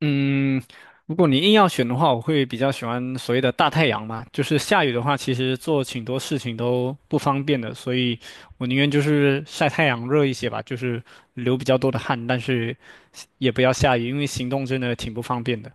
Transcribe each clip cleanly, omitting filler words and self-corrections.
嗯，如果你硬要选的话，我会比较喜欢所谓的大太阳嘛。就是下雨的话，其实做挺多事情都不方便的，所以我宁愿就是晒太阳热一些吧，就是流比较多的汗，但是也不要下雨，因为行动真的挺不方便的。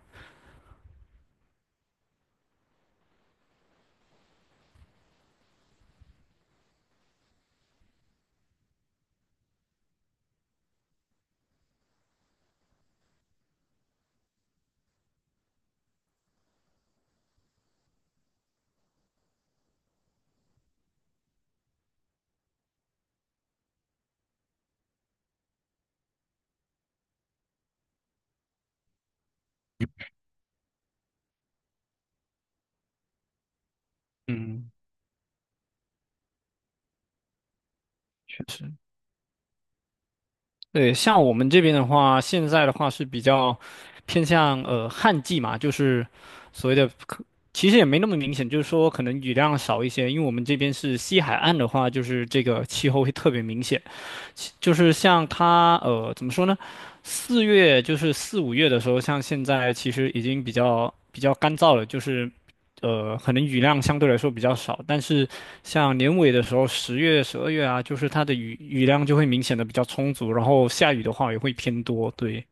嗯，确实，对，像我们这边的话，现在的话是比较偏向旱季嘛，就是所谓的，其实也没那么明显，就是说可能雨量少一些，因为我们这边是西海岸的话，就是这个气候会特别明显。就是像它怎么说呢？四月就是四五月的时候，像现在其实已经比较干燥了，就是可能雨量相对来说比较少，但是像年尾的时候，十月、十二月啊，就是它的雨量就会明显的比较充足，然后下雨的话也会偏多，对。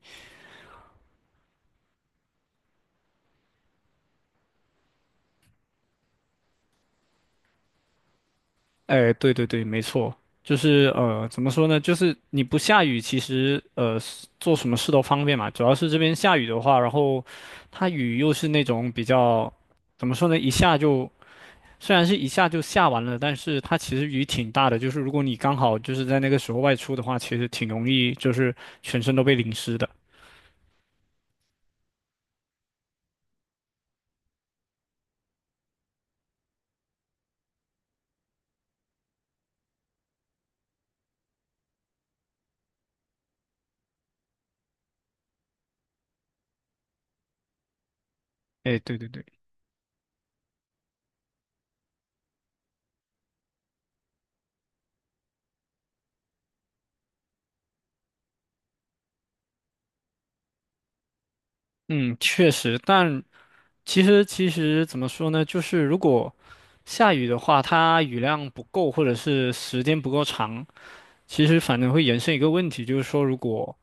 哎，对对对，没错，就是怎么说呢？就是你不下雨，其实是做什么事都方便嘛。主要是这边下雨的话，然后它雨又是那种比较，怎么说呢？一下就虽然是一下就下完了，但是它其实雨挺大的。就是如果你刚好就是在那个时候外出的话，其实挺容易就是全身都被淋湿的。哎，对对对，嗯，确实，但。其实怎么说呢，就是如果下雨的话，它雨量不够或者是时间不够长，其实反正会延伸一个问题，就是说如果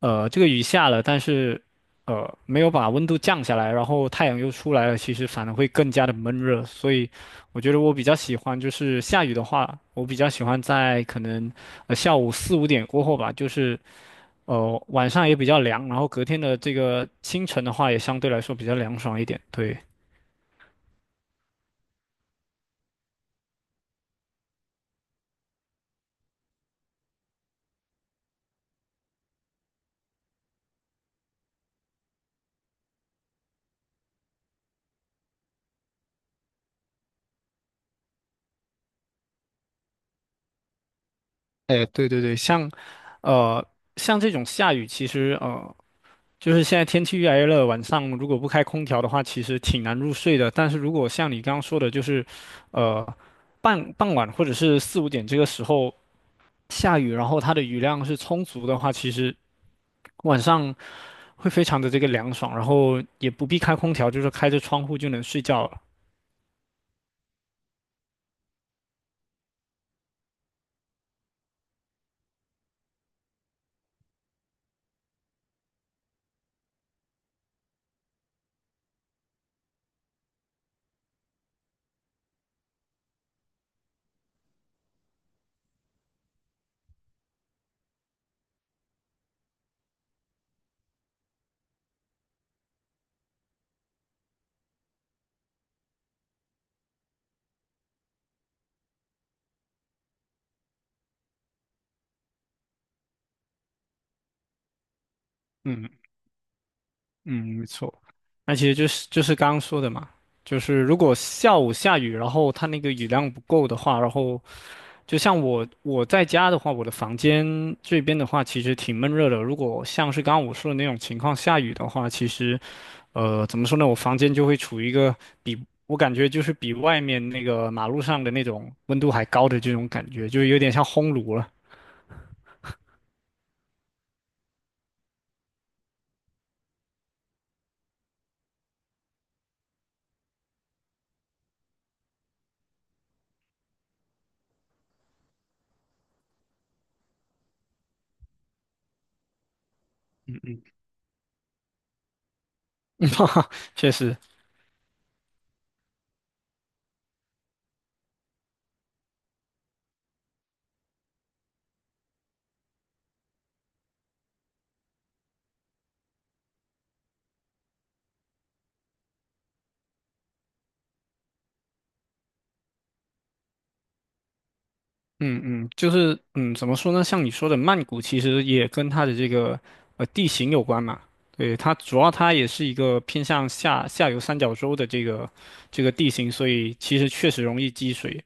这个雨下了，但是没有把温度降下来，然后太阳又出来了，其实反而会更加的闷热。所以我觉得我比较喜欢就是下雨的话，我比较喜欢在可能下午四五点过后吧，就是晚上也比较凉，然后隔天的这个清晨的话也相对来说比较凉爽一点，对。哎，对对对，像，呃，像这种下雨，其实就是现在天气越来越热，晚上如果不开空调的话，其实挺难入睡的。但是如果像你刚刚说的，就是，呃，傍晚或者是四五点这个时候下雨，然后它的雨量是充足的话，其实晚上会非常的这个凉爽，然后也不必开空调，就是开着窗户就能睡觉了。嗯。嗯，没错。那其实就是刚刚说的嘛，就是如果下午下雨，然后它那个雨量不够的话，然后就像我在家的话，我的房间这边的话其实挺闷热的。如果像是刚刚我说的那种情况下雨的话，其实怎么说呢，我房间就会处于一个比我感觉就是比外面那个马路上的那种温度还高的这种感觉，就有点像烘炉了。嗯嗯，确实。嗯嗯，就是嗯，怎么说呢？像你说的，曼谷其实也跟它的这个地形有关嘛。对，它主要它也是一个偏向下游三角洲的这个这个地形，所以其实确实容易积水。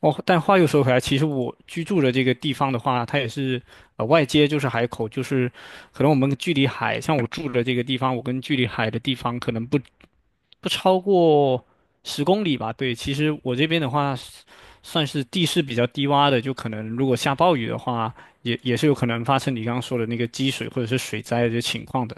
哦，但话又说回来，其实我居住的这个地方的话，它也是外接就是海口，就是可能我们距离海，像我住的这个地方，我跟距离海的地方可能不超过十公里吧。对，其实我这边的话。算是地势比较低洼的，就可能如果下暴雨的话，也也是有可能发生你刚刚说的那个积水或者是水灾的这情况的。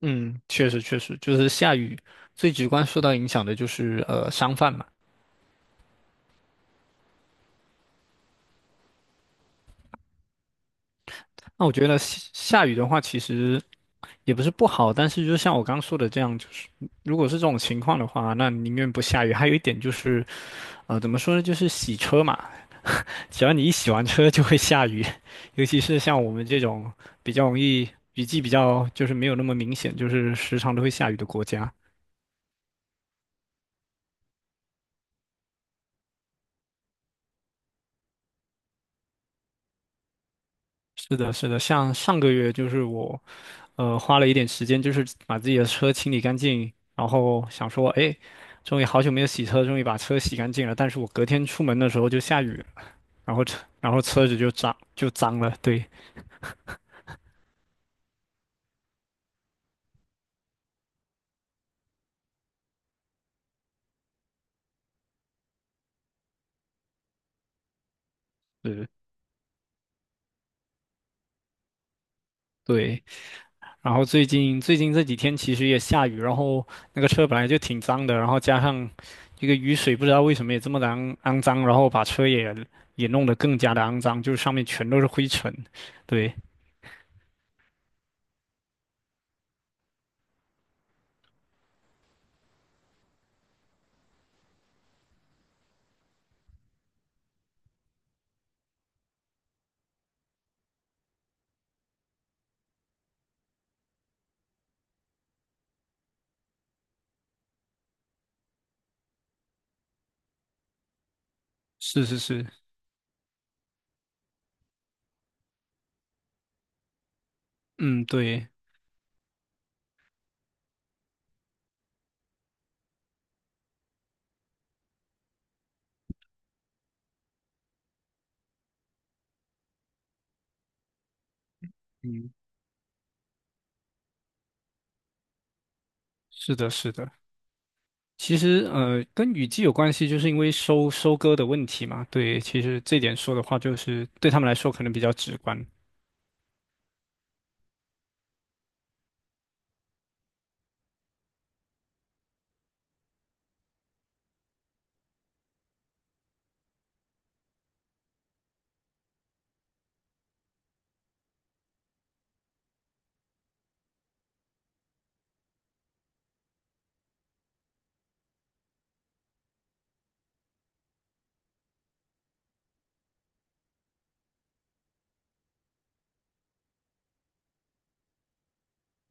嗯，确实，就是下雨最直观受到影响的就是商贩嘛。那我觉得下雨的话，其实也不是不好，但是就像我刚刚说的这样，就是如果是这种情况的话，那宁愿不下雨。还有一点就是，怎么说呢，就是洗车嘛，只要你一洗完车就会下雨，尤其是像我们这种比较容易雨季比较就是没有那么明显，就是时常都会下雨的国家。是的，是的，像上个月就是我花了一点时间，就是把自己的车清理干净，然后想说，哎，终于好久没有洗车，终于把车洗干净了。但是我隔天出门的时候就下雨了，然后车然后车子就脏了，对，是，对。然后最近这几天其实也下雨，然后那个车本来就挺脏的，然后加上这个雨水不知道为什么也这么的肮脏，然后把车也也弄得更加的肮脏，就是上面全都是灰尘。对，是是是，嗯，对，嗯，是的，是的。其实跟雨季有关系，就是因为收割的问题嘛。对，其实这点说的话，就是对他们来说可能比较直观。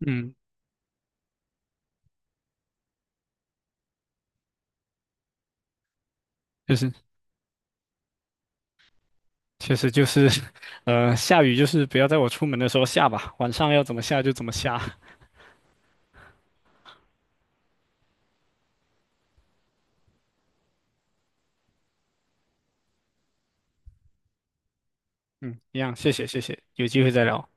嗯，就是。确实就是，下雨就是不要在我出门的时候下吧，晚上要怎么下就怎么下。嗯，一样，谢谢，有机会再聊。